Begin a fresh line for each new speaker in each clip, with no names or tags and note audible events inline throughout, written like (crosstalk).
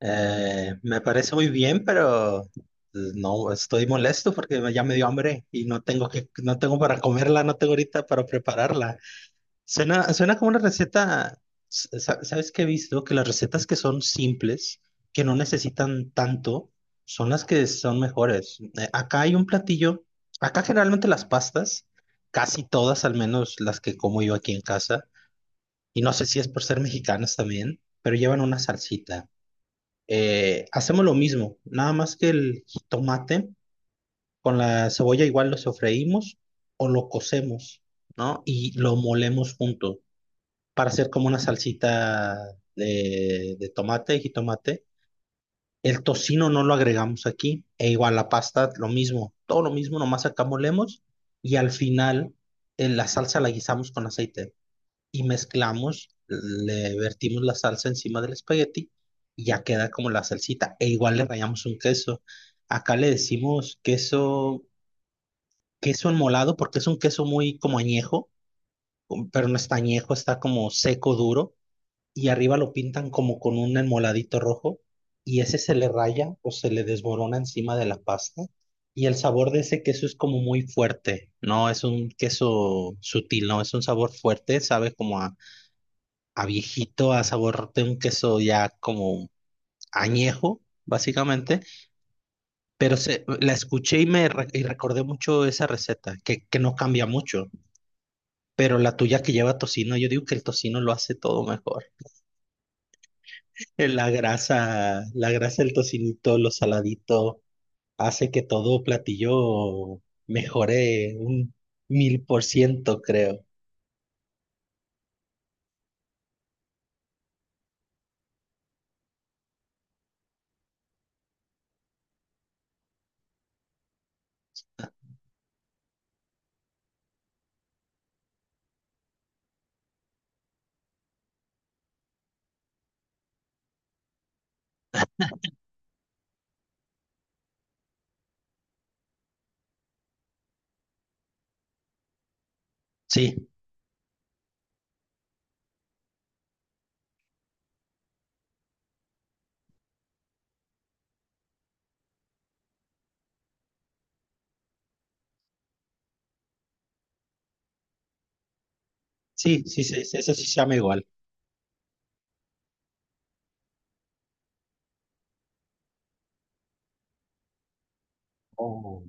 Me parece muy bien, pero no estoy molesto porque ya me dio hambre y no tengo para comerla, no tengo ahorita para prepararla. Suena como una receta. ¿Sabes qué he visto? Que las recetas que son simples, que no necesitan tanto, son las que son mejores. Acá hay un platillo. Acá generalmente las pastas, casi todas, al menos las que como yo aquí en casa, y no sé si es por ser mexicanas también, pero llevan una salsita, hacemos lo mismo, nada más que el jitomate con la cebolla igual lo sofreímos o lo cocemos, ¿no? Y lo molemos junto para hacer como una salsita de tomate y jitomate. El tocino no lo agregamos aquí, e igual la pasta, lo mismo, todo lo mismo, nomás acá molemos y al final la salsa la guisamos con aceite y mezclamos, le vertimos la salsa encima del espagueti y ya queda como la salsita. E igual le rallamos un queso. Acá le decimos queso, queso enmolado porque es un queso muy como añejo, pero no está añejo, está como seco, duro. Y arriba lo pintan como con un enmoladito rojo y ese se le raya o se le desmorona encima de la pasta. Y el sabor de ese queso es como muy fuerte, no es un queso sutil, no es un sabor fuerte, sabe como a viejito, a sabor de un queso ya como añejo, básicamente, la escuché y recordé mucho esa receta, que no cambia mucho, pero la tuya que lleva tocino, yo digo que el tocino lo hace todo mejor. (laughs) La grasa, la grasa del tocinito, lo saladito, hace que todo platillo mejore un 1000%, creo. Sí, sí, sí, sí, eso sí se llama igual. Oh.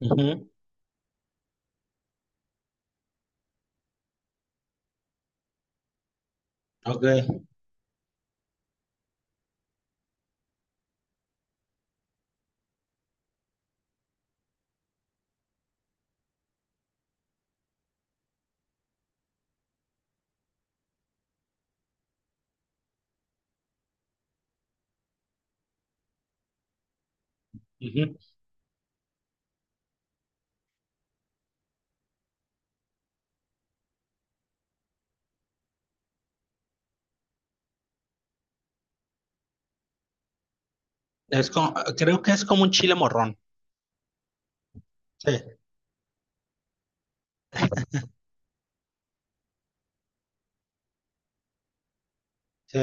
Ujú. Ok. Ujú. Es como, creo que es como un chile morrón. Sí, sí.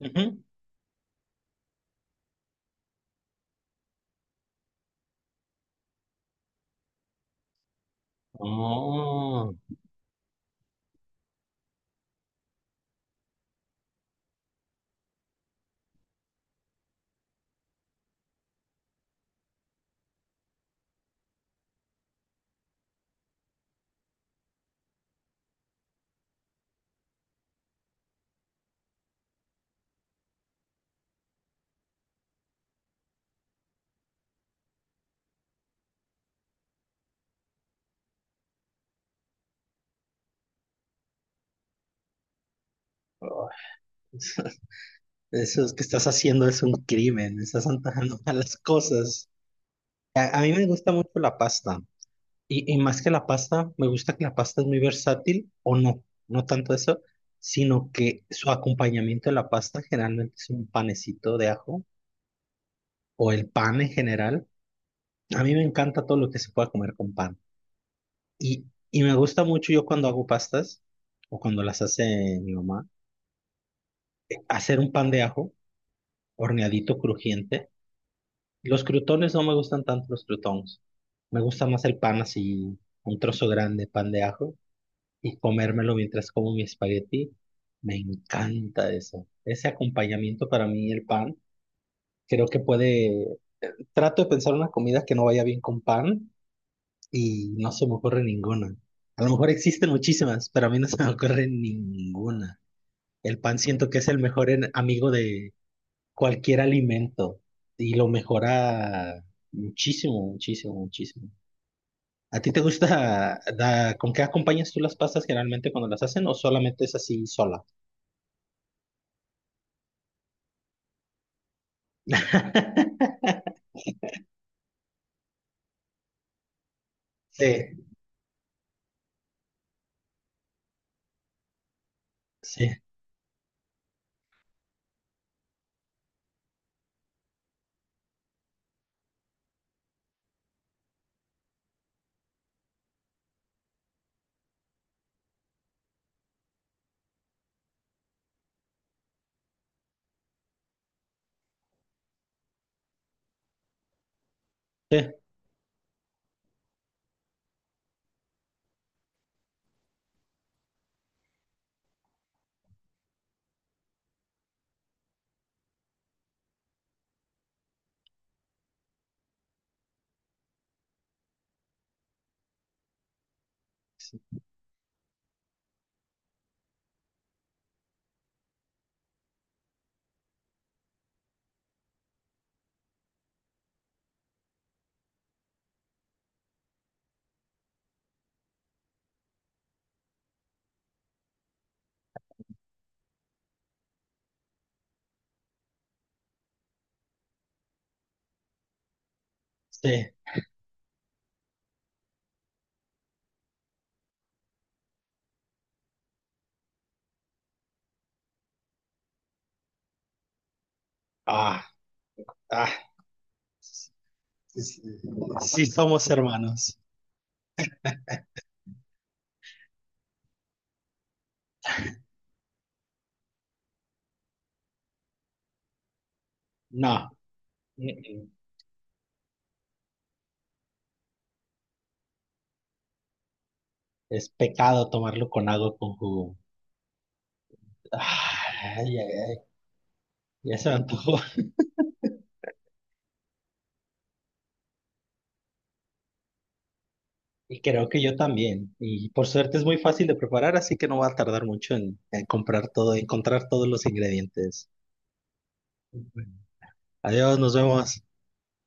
Ujú. Oh. Oh. (laughs) Eso es que estás haciendo es un crimen, estás antojando (laughs) malas cosas. A mí me gusta mucho la pasta. Y más que la pasta, me gusta que la pasta es muy versátil, o no, no tanto eso, sino que su acompañamiento de la pasta generalmente es un panecito de ajo, o el pan en general. A mí me encanta todo lo que se pueda comer con pan. Y, y me gusta mucho yo cuando hago pastas o cuando las hace mi mamá, hacer un pan de ajo horneadito crujiente. Los crutones No me gustan tanto los crutones. Me gusta más el pan así, un trozo grande, pan de ajo, y comérmelo mientras como mi espagueti. Me encanta eso. Ese acompañamiento para mí, el pan, creo que puede... Trato de pensar una comida que no vaya bien con pan y no se me ocurre ninguna. A lo mejor existen muchísimas, pero a mí no se me ocurre ninguna. El pan siento que es el mejor amigo de cualquier alimento y lo mejora muchísimo, muchísimo, muchísimo. ¿A ti te gusta (laughs) con qué acompañas tú las pastas generalmente cuando las hacen o solamente es así sola? (laughs) Sí, sí, sí, sí. Sí. Ah, ah. Sí, sí. Sí somos hermanos. No, mm, mm, es pecado tomarlo con algo con jugo. Ay, ay, ay. Ya se me antojó. Y creo que yo también. Y por suerte es muy fácil de preparar, así que no va a tardar mucho en comprar todo, encontrar todos los ingredientes. Bueno. Adiós, nos vemos.